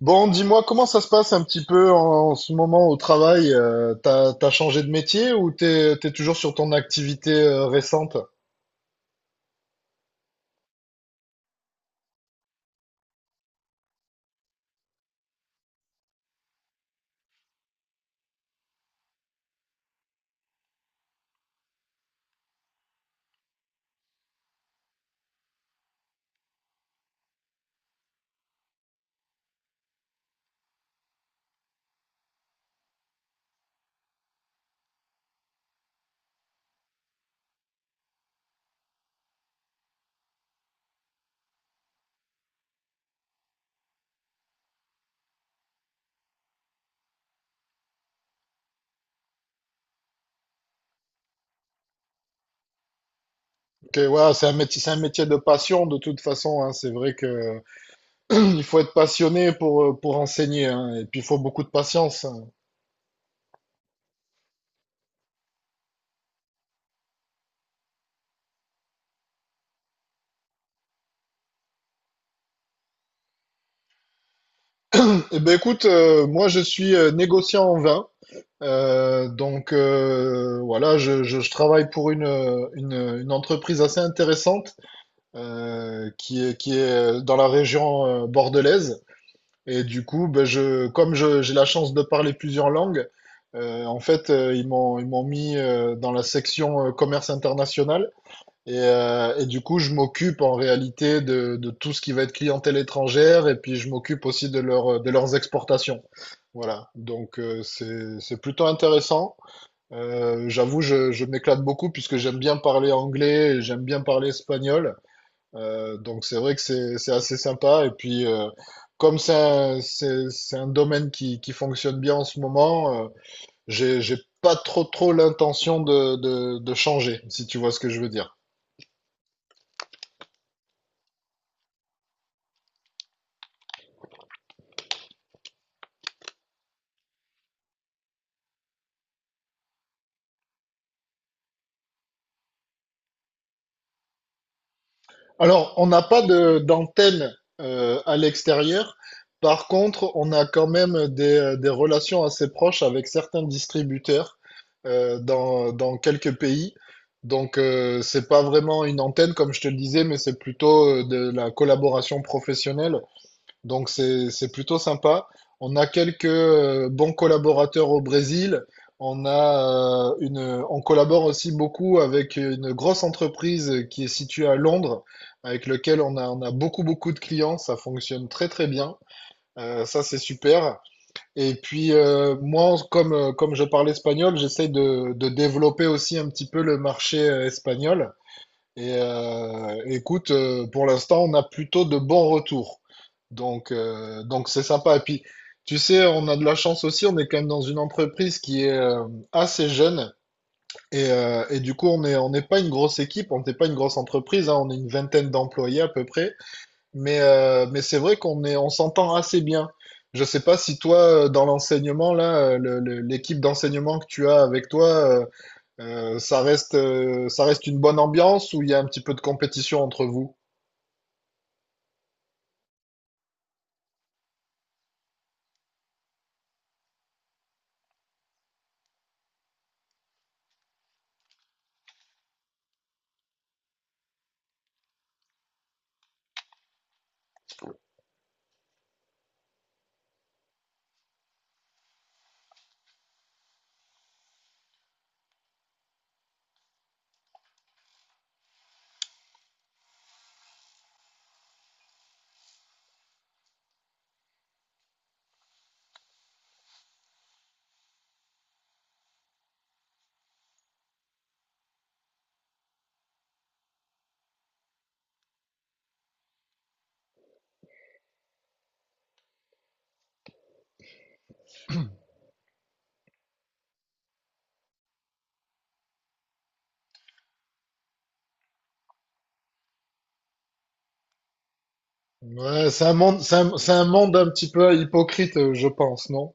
Bon, dis-moi, comment ça se passe un petit peu en ce moment au travail? T'as changé de métier ou t'es toujours sur ton activité récente? Ok, ouais, c'est un métier de passion de toute façon, hein. C'est vrai que il faut être passionné pour enseigner, hein, et puis il faut beaucoup de patience. Hein. Eh ben écoute, moi je suis négociant en vin, voilà, je travaille pour une entreprise assez intéressante qui est dans la région bordelaise. Et du coup, ben, comme j'ai la chance de parler plusieurs langues, en fait, ils m'ont mis dans la section commerce international. Et du coup, je m'occupe en réalité de tout ce qui va être clientèle étrangère. Et puis, je m'occupe aussi de leurs exportations. Voilà. Donc, c'est plutôt intéressant. J'avoue, je m'éclate beaucoup puisque j'aime bien parler anglais, et j'aime bien parler espagnol. Donc c'est vrai que c'est assez sympa. Et puis comme c'est un domaine qui fonctionne bien en ce moment, j'ai pas trop trop l'intention de changer, si tu vois ce que je veux dire. Alors, on n'a pas de d'antenne à l'extérieur. Par contre, on a quand même des relations assez proches avec certains distributeurs dans quelques pays. Donc, c'est pas vraiment une antenne, comme je te le disais, mais c'est plutôt de la collaboration professionnelle. Donc c'est plutôt sympa. On a quelques bons collaborateurs au Brésil. On collabore aussi beaucoup avec une grosse entreprise qui est située à Londres, avec lequel on a beaucoup beaucoup de clients. Ça fonctionne très très bien. Ça c'est super. Et puis moi, comme je parle espagnol, j'essaie de développer aussi un petit peu le marché espagnol. Et écoute, pour l'instant, on a plutôt de bons retours. Donc c'est sympa. Et puis, tu sais, on a de la chance aussi. On est quand même dans une entreprise qui est assez jeune. Et du coup, on n'est pas une grosse équipe, on n'est pas une grosse entreprise. Hein. On est une vingtaine d'employés à peu près. Mais c'est vrai qu'on s'entend assez bien. Je sais pas si toi, dans l'enseignement, là, l'équipe d'enseignement que tu as avec toi, ça reste une bonne ambiance où il y a un petit peu de compétition entre vous. Ouais, c'est un monde un petit peu hypocrite, je pense, non?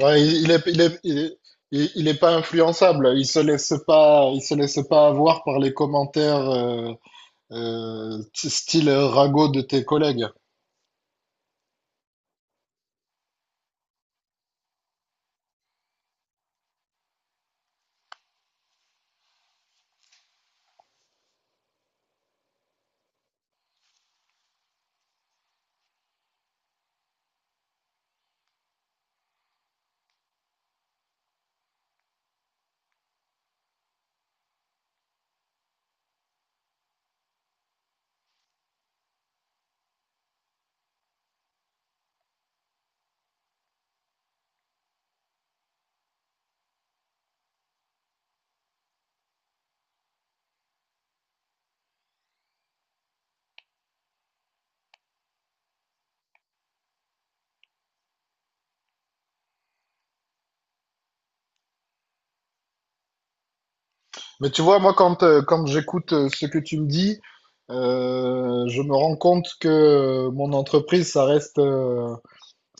Ouais, il est pas influençable. Il se laisse pas avoir par les commentaires style ragot de tes collègues. Mais tu vois, moi, quand j'écoute ce que tu me dis, je me rends compte que mon entreprise, ça reste. euh,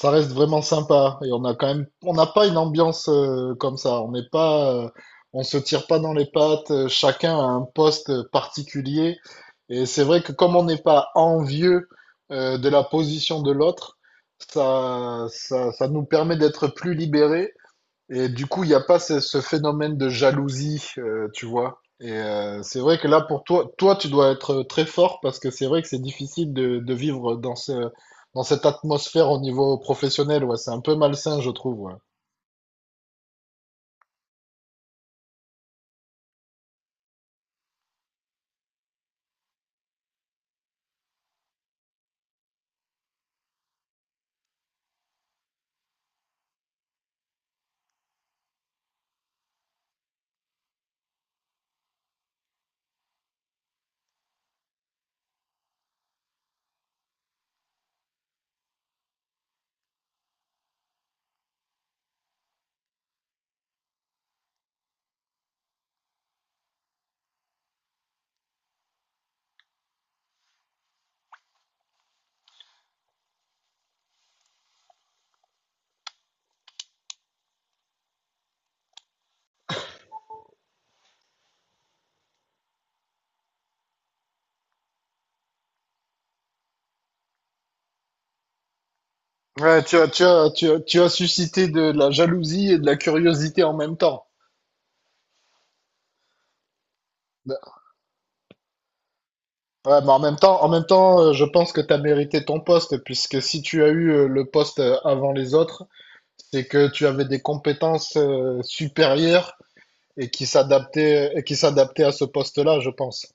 Ça reste vraiment sympa et on a quand même, on n'a pas une ambiance comme ça. On se tire pas dans les pattes. Chacun a un poste particulier et c'est vrai que comme on n'est pas envieux de la position de l'autre, ça nous permet d'être plus libérés et du coup, il n'y a pas ce phénomène de jalousie, tu vois. Et c'est vrai que là, pour toi, toi, tu dois être très fort parce que c'est vrai que c'est difficile de vivre dans dans cette atmosphère au niveau professionnel. Ouais, c'est un peu malsain, je trouve. Ouais. Ouais, tu as suscité de la jalousie et de la curiosité en même temps. Bah, ouais, mais en même temps, je pense que tu as mérité ton poste puisque si tu as eu le poste avant les autres, c'est que tu avais des compétences supérieures et qui s'adaptait à ce poste-là, je pense.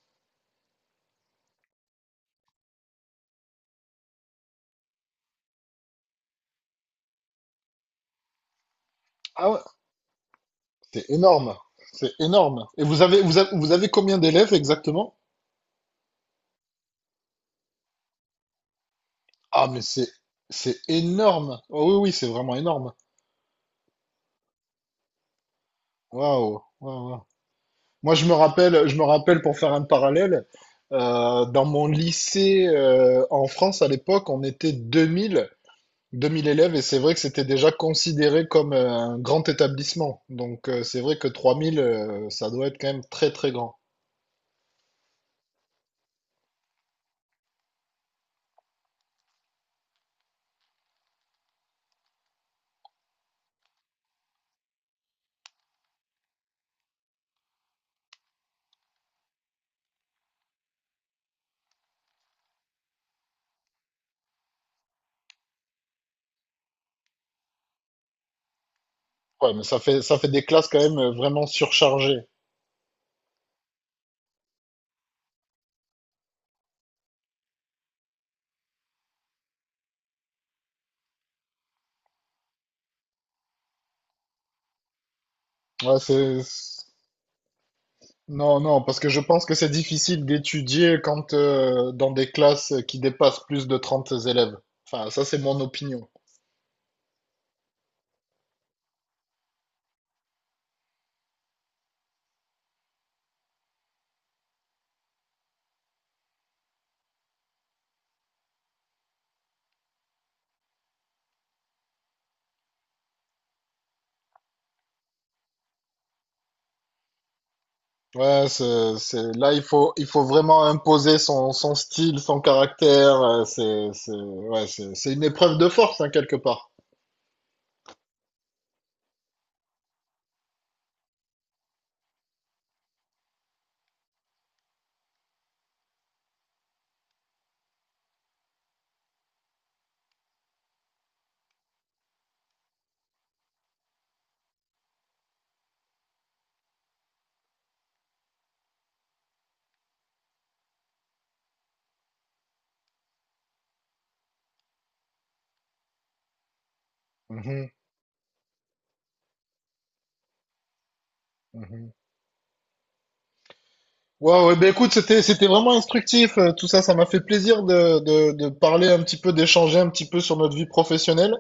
Ah ouais, c'est énorme, c'est énorme. Et vous avez combien d'élèves exactement? Ah mais c'est énorme. Oh oui oui, c'est vraiment énorme. Waouh, waouh, waouh. Moi je me rappelle pour faire un parallèle dans mon lycée en France à l'époque, on était 2000 élèves et c'est vrai que c'était déjà considéré comme un grand établissement. Donc c'est vrai que 3000 ça doit être quand même très très grand. Ouais, mais ça fait, des classes quand même vraiment surchargées. Ouais, c'est. Non, non, parce que je pense que c'est difficile d'étudier quand dans des classes qui dépassent plus de 30 élèves. Enfin, ça, c'est mon opinion. Ouais, c'est... Là, il faut vraiment imposer son style, son caractère. C'est... Ouais, c'est une épreuve de force, hein, quelque part. Mhm, mhm. Ouais, ouais, ben écoute, c'était vraiment instructif. Tout ça, ça m'a fait plaisir de parler un petit peu, d'échanger un petit peu sur notre vie professionnelle.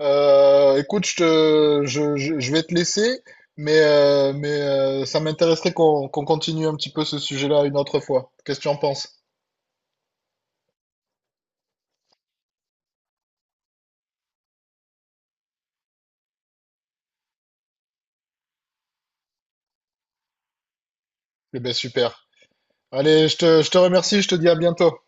Écoute, je vais te laisser, mais ça m'intéresserait qu'on continue un petit peu ce sujet-là une autre fois. Qu'est-ce que tu en penses? Eh ben super. Allez, je te remercie, je te dis à bientôt.